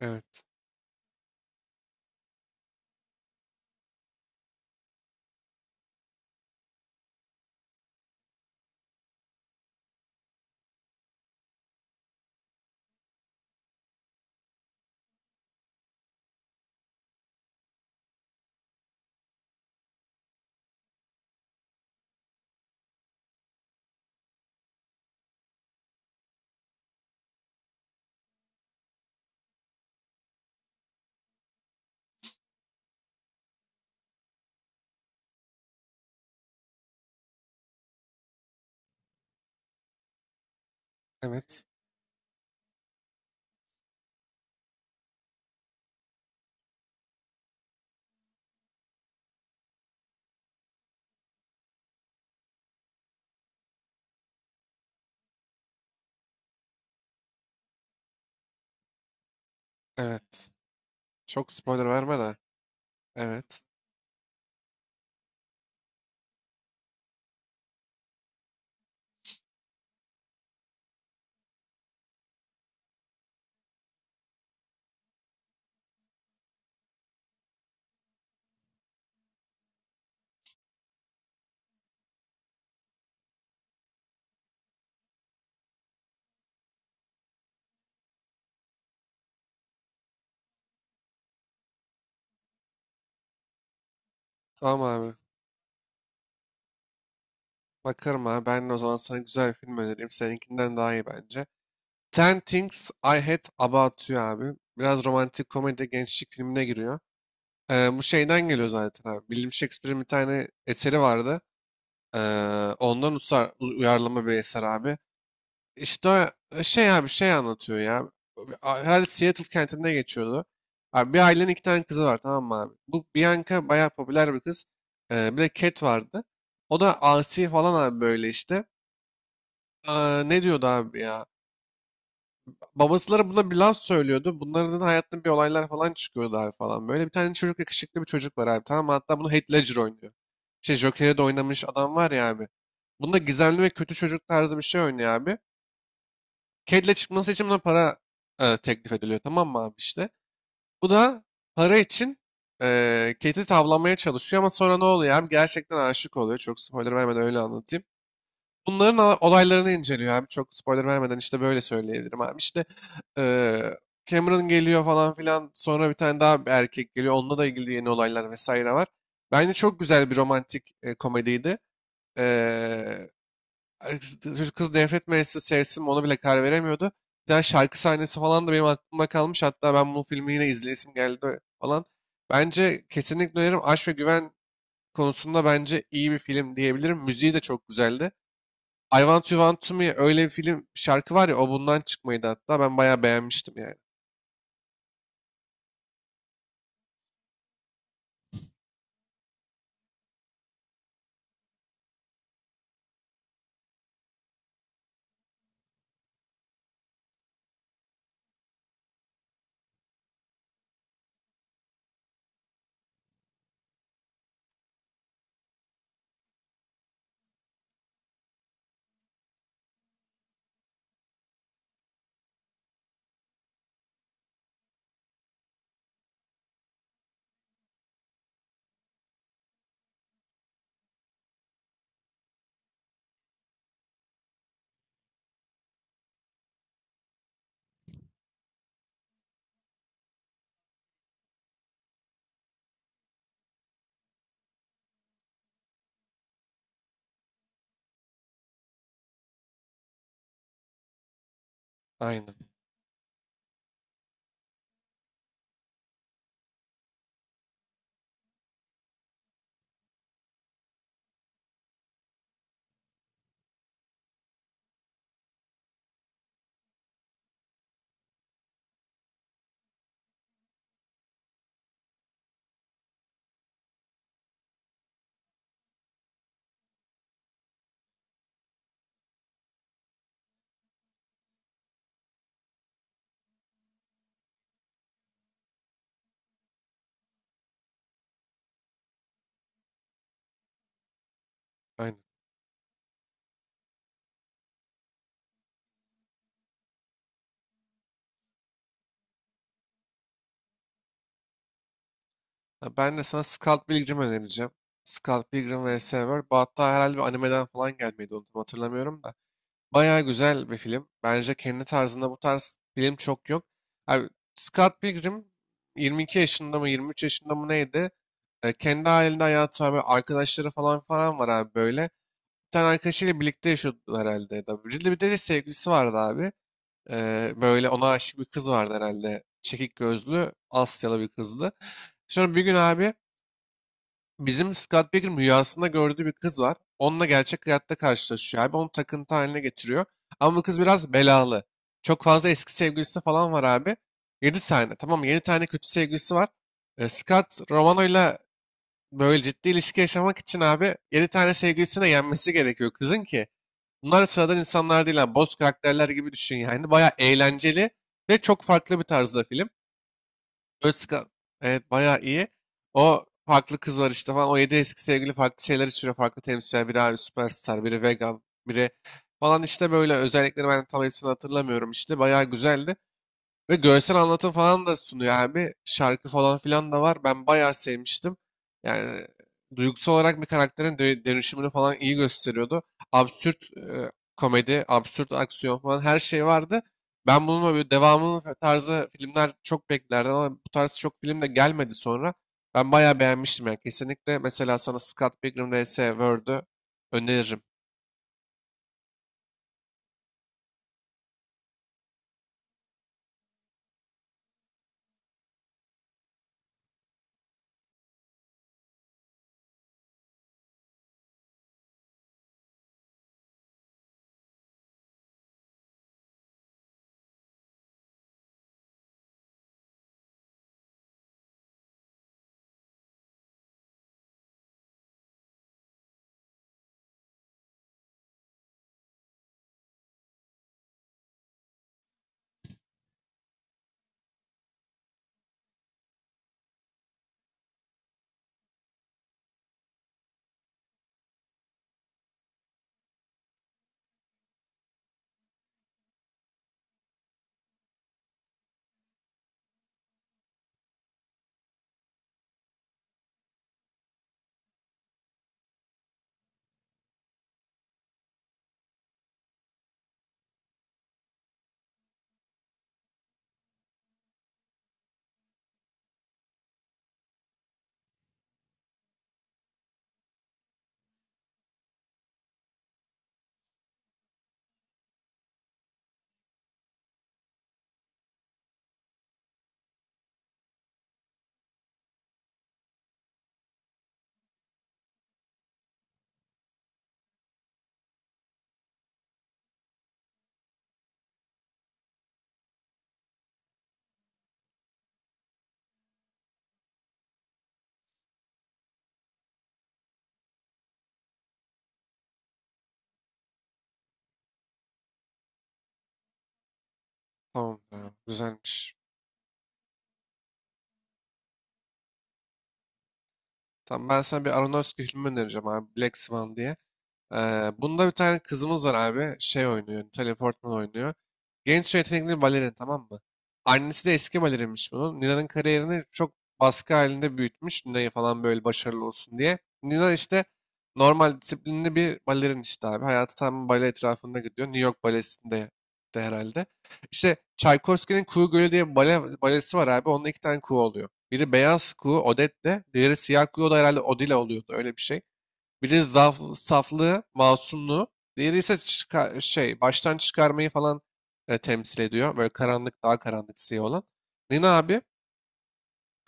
Evet, evet, evet. Çok spoiler verme de. Evet. Tamam abi. Bakarım abi. Ben de o zaman sana güzel bir film önereyim. Seninkinden daha iyi bence. Ten Things I Hate About You abi. Biraz romantik komedi gençlik filmine giriyor. Bu şeyden geliyor zaten abi. William Shakespeare'in bir tane eseri vardı. Ondan uyarlama bir eser abi. İşte şey abi şey anlatıyor ya. Herhalde Seattle kentinde geçiyordu. Abi bir ailenin iki tane kızı var, tamam mı abi? Bu Bianca bayağı popüler bir kız. Bir de Cat vardı. O da asi falan abi böyle işte. Aa, ne diyordu abi ya? Babasıları buna bir laf söylüyordu. Bunların da hayatında bir olaylar falan çıkıyordu abi falan. Böyle bir tane çocuk, yakışıklı bir çocuk var abi, tamam mı? Hatta bunu Heath Ledger oynuyor. Şey, Joker'e de oynamış adam var ya abi. Bunda gizemli ve kötü çocuk tarzı bir şey oynuyor abi. Kedle çıkması için buna para teklif ediliyor, tamam mı abi, işte. Bu da para için Kate'i tavlamaya çalışıyor ama sonra ne oluyor abi? Gerçekten aşık oluyor. Çok spoiler vermeden öyle anlatayım. Olaylarını inceliyor abi. Çok spoiler vermeden işte böyle söyleyebilirim abi. İşte e, Cameron geliyor falan filan. Sonra bir tane daha bir erkek geliyor. Onunla da ilgili yeni olaylar vesaire var. Bence çok güzel bir romantik komediydi. E, Çocuk kız nefret mi sevsin mi, ona bile karar veremiyordu. Bir tane şarkı sahnesi falan da benim aklımda kalmış. Hatta ben bu filmi yine izleyesim geldi falan. Bence kesinlikle öneririm. Aşk ve Güven konusunda bence iyi bir film diyebilirim. Müziği de çok güzeldi. I Want You Want To Me, öyle bir film şarkı var ya, o bundan çıkmaydı hatta. Ben bayağı beğenmiştim yani. Aynen. Aynen. Ha, ben de sana Scott Pilgrim önereceğim. Scott Pilgrim vs. World. Bu hatta herhalde bir animeden falan gelmeydi, onu tam hatırlamıyorum da. Bayağı güzel bir film. Bence kendi tarzında bu tarz film çok yok. Abi, Scott Pilgrim 22 yaşında mı 23 yaşında mı neydi? E, kendi halinde hayatı var. Böyle arkadaşları falan var abi böyle. Bir tane arkadaşıyla birlikte yaşıyordu herhalde. Ya da Ridley, bir de sevgilisi vardı abi. E, böyle ona aşık bir kız vardı herhalde. Çekik gözlü Asyalı bir kızdı. Sonra bir gün abi, bizim Scott Pilgrim rüyasında gördüğü bir kız var. Onunla gerçek hayatta karşılaşıyor abi. Onu takıntı haline getiriyor. Ama bu kız biraz belalı. Çok fazla eski sevgilisi falan var abi. 7 tane. Tamam mı? Yedi tane kötü sevgilisi var. E, Scott Romano'yla böyle ciddi ilişki yaşamak için abi, 7 tane sevgilisine yenmesi gerekiyor kızın ki. Bunlar sıradan insanlar değil. Boz karakterler gibi düşün yani. Baya eğlenceli ve çok farklı bir tarzda film. Özkan. Evet, bayağı iyi. O farklı kız var işte falan. O yedi eski sevgili farklı şeyler içiriyor. Farklı temsilciler. Biri abi süperstar, biri vegan, biri falan işte, böyle özellikleri ben tam hepsini hatırlamıyorum işte. Bayağı güzeldi. Ve görsel anlatım falan da sunuyor abi. Şarkı falan filan da var. Ben bayağı sevmiştim. Yani duygusal olarak bir karakterin dönüşümünü falan iyi gösteriyordu. Absürt komedi, absürt aksiyon falan, her şey vardı. Ben bununla böyle devamının tarzı filmler çok beklerdim ama bu tarz çok film de gelmedi sonra. Ben bayağı beğenmiştim yani, kesinlikle. Mesela sana Scott Pilgrim vs. World'ü öneririm. Tamam ya, güzelmiş. Tamam, ben sana bir Aronofsky filmi önereceğim abi. Black Swan diye. Bunda bir tane kızımız var abi. Şey oynuyor. Natalie Portman oynuyor. Genç ve yetenekli balerin, tamam mı? Annesi de eski balerinmiş bunun. Nina'nın kariyerini çok baskı halinde büyütmüş. Nina'yı falan böyle başarılı olsun diye. Nina işte normal disiplinli bir balerin işte abi. Hayatı tam bale etrafında gidiyor. New York balesinde de herhalde. İşte Tchaikovsky'nin Kuğu Gölü diye bir balesi var abi. Onda iki tane kuğu oluyor. Biri beyaz kuğu Odette'le, diğeri siyah kuğu, o da herhalde Odile oluyordu. Öyle bir şey. Biri saflığı, masumluğu. Diğeri ise baştan çıkarmayı falan temsil ediyor. Böyle karanlık, daha karanlık siyah olan. Nina abi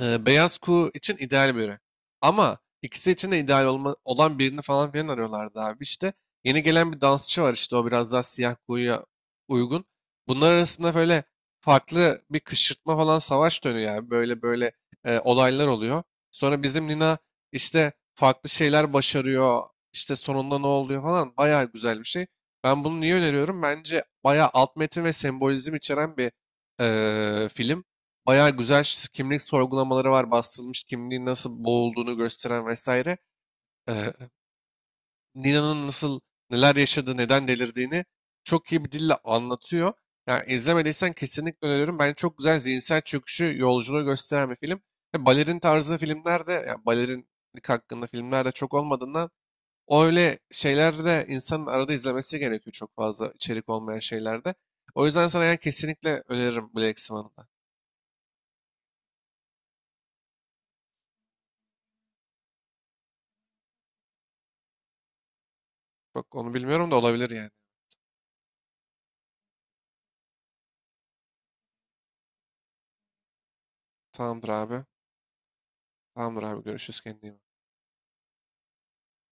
beyaz kuğu için ideal biri. Ama ikisi için de olan birini falan filan arıyorlardı abi. İşte yeni gelen bir dansçı var işte, o biraz daha siyah kuğuya uygun. Bunlar arasında böyle farklı bir kışkırtma falan, savaş dönüyor yani. Böyle olaylar oluyor. Sonra bizim Nina işte farklı şeyler başarıyor. İşte sonunda ne oluyor falan. Bayağı güzel bir şey. Ben bunu niye öneriyorum? Bence bayağı alt metin ve sembolizm içeren bir film. Bayağı güzel kimlik sorgulamaları var. Bastırılmış kimliğin nasıl boğulduğunu gösteren vesaire. Ee, Nina'nın nasıl neler yaşadığı, neden delirdiğini çok iyi bir dille anlatıyor. Yani izlemediysen kesinlikle öneririm. Ben çok güzel zihinsel çöküşü, yolculuğu gösteren bir film. Ve balerin tarzı filmlerde, yani balerinlik hakkında filmlerde çok olmadığından, o öyle şeylerde insanın arada izlemesi gerekiyor, çok fazla içerik olmayan şeylerde. O yüzden sana yani kesinlikle öneririm Black Swan'ı da. Çok onu bilmiyorum da, olabilir yani. Tamamdır abi. Tamamdır abi. Görüşürüz. Kendine iyi bak.